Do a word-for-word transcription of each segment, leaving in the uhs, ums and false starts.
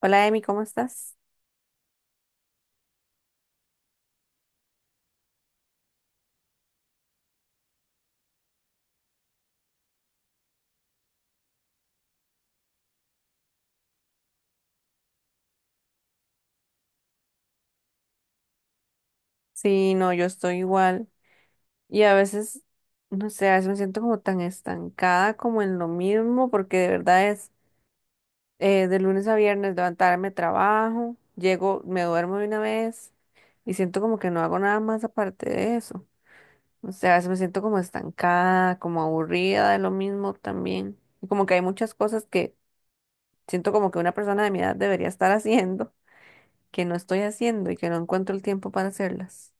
Hola, Emi, ¿cómo estás? Sí, no, yo estoy igual. Y a veces, no sé, a veces me siento como tan estancada como en lo mismo, porque de verdad es eh, de lunes a viernes levantarme trabajo, llego, me duermo de una vez y siento como que no hago nada más aparte de eso. O sea, a veces me siento como estancada, como aburrida de lo mismo también. Y como que hay muchas cosas que siento como que una persona de mi edad debería estar haciendo, que no estoy haciendo y que no encuentro el tiempo para hacerlas.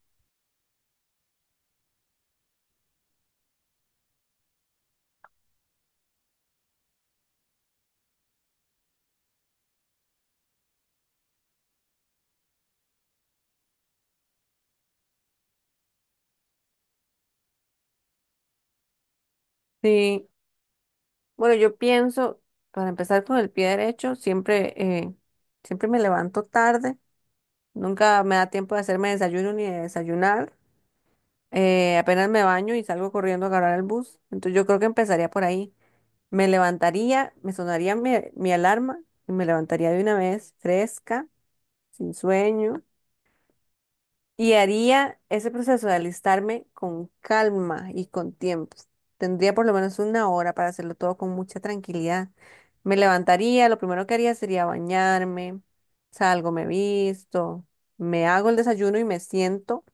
Sí. Bueno, yo pienso, para empezar con el pie derecho, siempre, eh, siempre me levanto tarde, nunca me da tiempo de hacerme desayuno ni de desayunar, eh, apenas me baño y salgo corriendo a agarrar el bus, entonces yo creo que empezaría por ahí. Me levantaría, me sonaría mi, mi alarma y me levantaría de una vez fresca, sin sueño. Y haría ese proceso de alistarme con calma y con tiempo. Tendría por lo menos una hora para hacerlo todo con mucha tranquilidad. Me levantaría, lo primero que haría sería bañarme, salgo, me visto, me hago el desayuno y me siento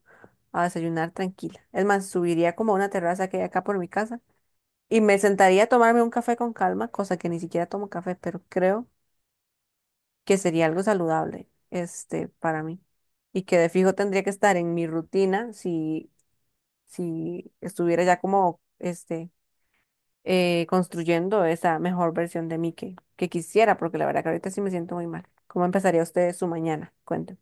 a desayunar tranquila. Es más, subiría como a una terraza que hay acá por mi casa y me sentaría a tomarme un café con calma, cosa que ni siquiera tomo café, pero creo que sería algo saludable, este, para mí y que de fijo tendría que estar en mi rutina si si estuviera ya como este eh, construyendo esa mejor versión de mí que, que quisiera, porque la verdad que ahorita sí me siento muy mal. ¿Cómo empezaría usted su mañana? Cuéntame.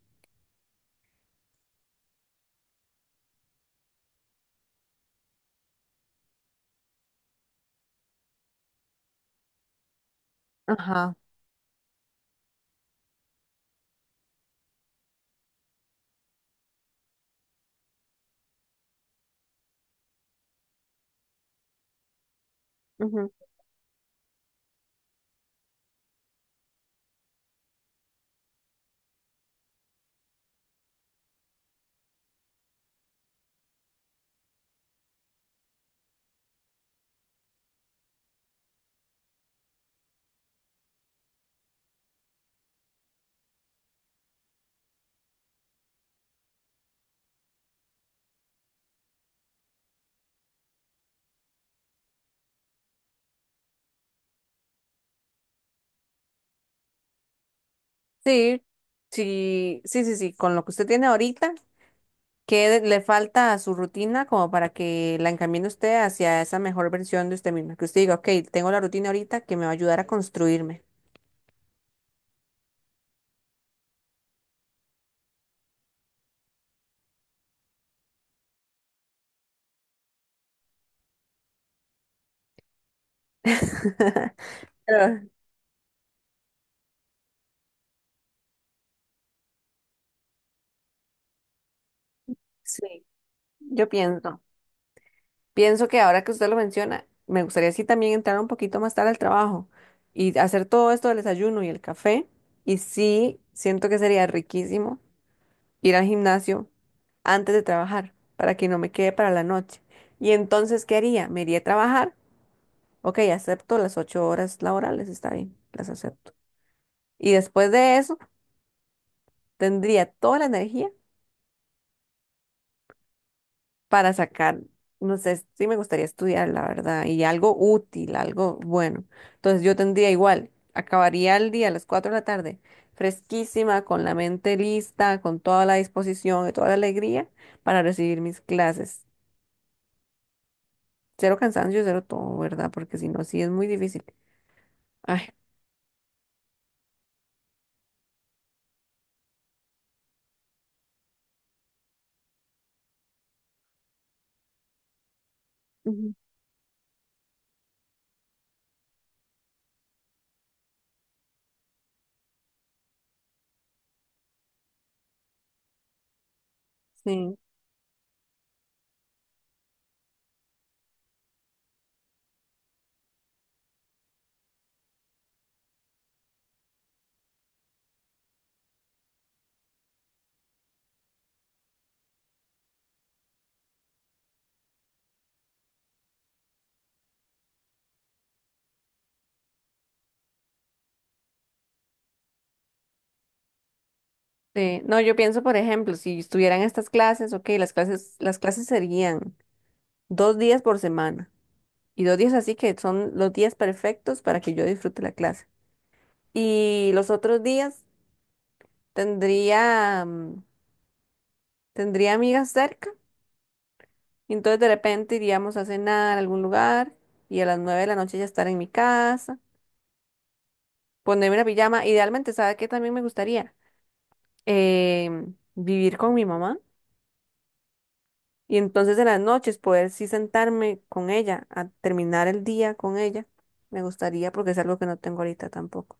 Ajá. Ujú. Sí, sí, sí, sí, sí, con lo que usted tiene ahorita, ¿qué de- le falta a su rutina como para que la encamine usted hacia esa mejor versión de usted misma? Que usted diga, ok, tengo la rutina ahorita que me va a ayudar a construirme. Pero, sí, yo pienso. Pienso que ahora que usted lo menciona, me gustaría sí también entrar un poquito más tarde al trabajo y hacer todo esto del desayuno y el café. Y sí, siento que sería riquísimo ir al gimnasio antes de trabajar para que no me quede para la noche. Y entonces, ¿qué haría? Me iría a trabajar. Ok, acepto las ocho horas laborales, está bien, las acepto. Y después de eso, tendría toda la energía para sacar, no sé, sí me gustaría estudiar, la verdad, y algo útil, algo bueno. Entonces yo tendría igual, acabaría el día a las cuatro de la tarde, fresquísima, con la mente lista, con toda la disposición y toda la alegría para recibir mis clases. Cero cansancio, cero todo, ¿verdad? Porque si no, sí es muy difícil. Ay, ujú, sí. Sí. No, yo pienso, por ejemplo, si estuvieran estas clases, ok, las clases, las clases serían dos días por semana. Y dos días así que son los días perfectos para que yo disfrute la clase. Y los otros días tendría, mm, tendría amigas cerca. Y entonces de repente iríamos a cenar a algún lugar y a las nueve de la noche ya estar en mi casa, ponerme una pijama. Idealmente, ¿sabe qué también me gustaría? Eh, Vivir con mi mamá. Y entonces en las noches poder sí sentarme con ella, a terminar el día con ella. Me gustaría porque es algo que no tengo ahorita tampoco.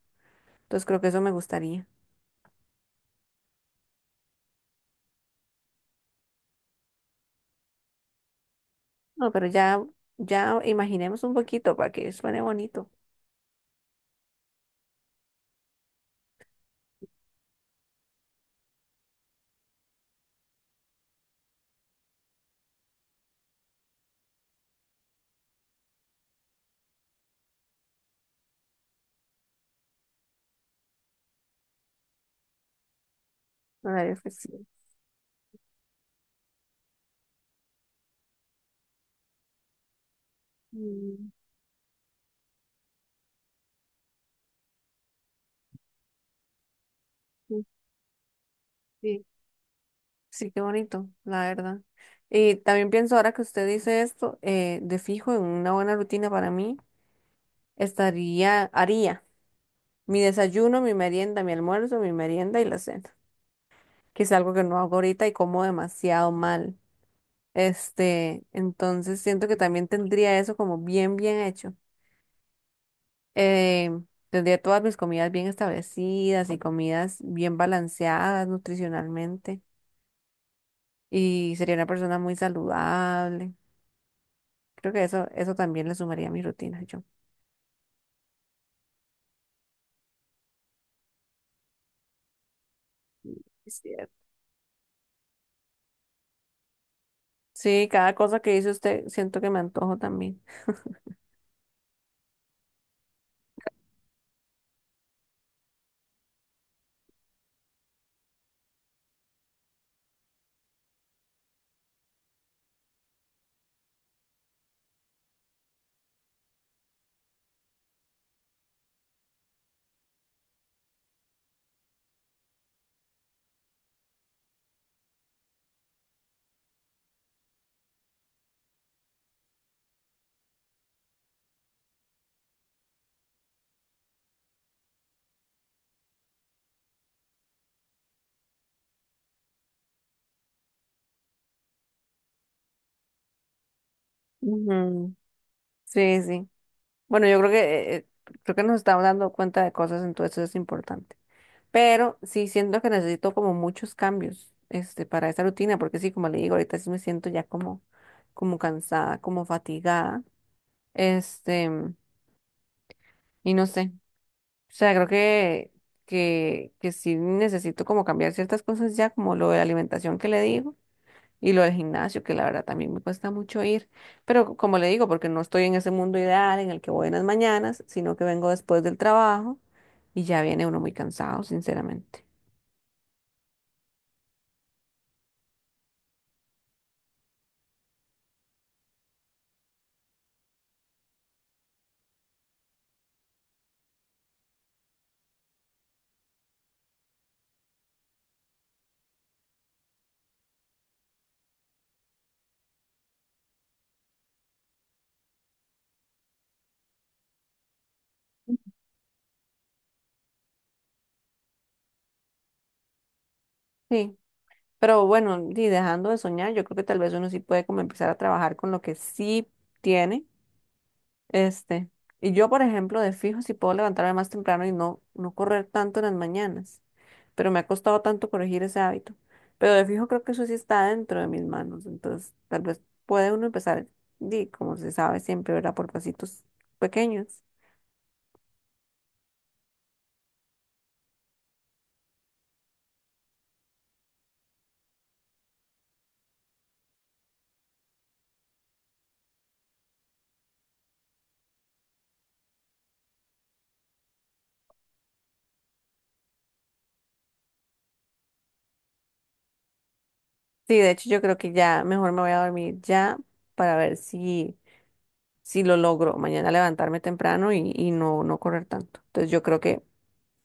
Entonces creo que eso me gustaría. No, pero ya, ya imaginemos un poquito para que suene bonito. La verdad es que sí. Mm, sí, sí. Sí, qué bonito, la verdad. Y también pienso ahora que usted dice esto, eh, de fijo, en una buena rutina para mí, estaría, haría mi desayuno, mi merienda, mi almuerzo, mi merienda y la cena, que es algo que no hago ahorita y como demasiado mal. Este, entonces siento que también tendría eso como bien, bien hecho. Eh, Tendría todas mis comidas bien establecidas y comidas bien balanceadas nutricionalmente. Y sería una persona muy saludable. Creo que eso, eso también le sumaría a mi rutina, yo. Es cierto. Sí, cada cosa que dice usted, siento que me antojo también. Ujú. Sí, sí. Bueno, yo creo que eh, eh, creo que nos estamos dando cuenta de cosas, entonces eso es importante. Pero sí siento que necesito como muchos cambios este, para esa rutina, porque sí, como le digo, ahorita sí me siento ya como, como cansada, como fatigada. Este, y no sé. O sea, creo que, que, que sí necesito como cambiar ciertas cosas ya, como lo de la alimentación que le digo, y lo del gimnasio, que la verdad también me cuesta mucho ir. Pero co- como le digo, porque no estoy en ese mundo ideal en el que voy en las mañanas, sino que vengo después del trabajo y ya viene uno muy cansado, sinceramente. Sí. Pero bueno, y dejando de soñar, yo creo que tal vez uno sí puede como empezar a trabajar con lo que sí tiene, este. Y yo, por ejemplo, de fijo, sí puedo levantarme más temprano y no, no correr tanto en las mañanas. Pero me ha costado tanto corregir ese hábito. Pero de fijo creo que eso sí está dentro de mis manos. Entonces, tal vez puede uno empezar, di, como se sabe siempre, ¿verdad? Por pasitos pequeños. Sí, de hecho, yo creo que ya mejor me voy a dormir ya para ver si si lo logro mañana levantarme temprano y, y no, no correr tanto. Entonces yo creo que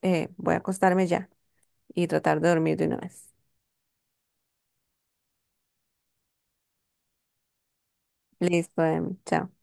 eh, voy a acostarme ya y tratar de dormir de una vez. Listo, Em, chao.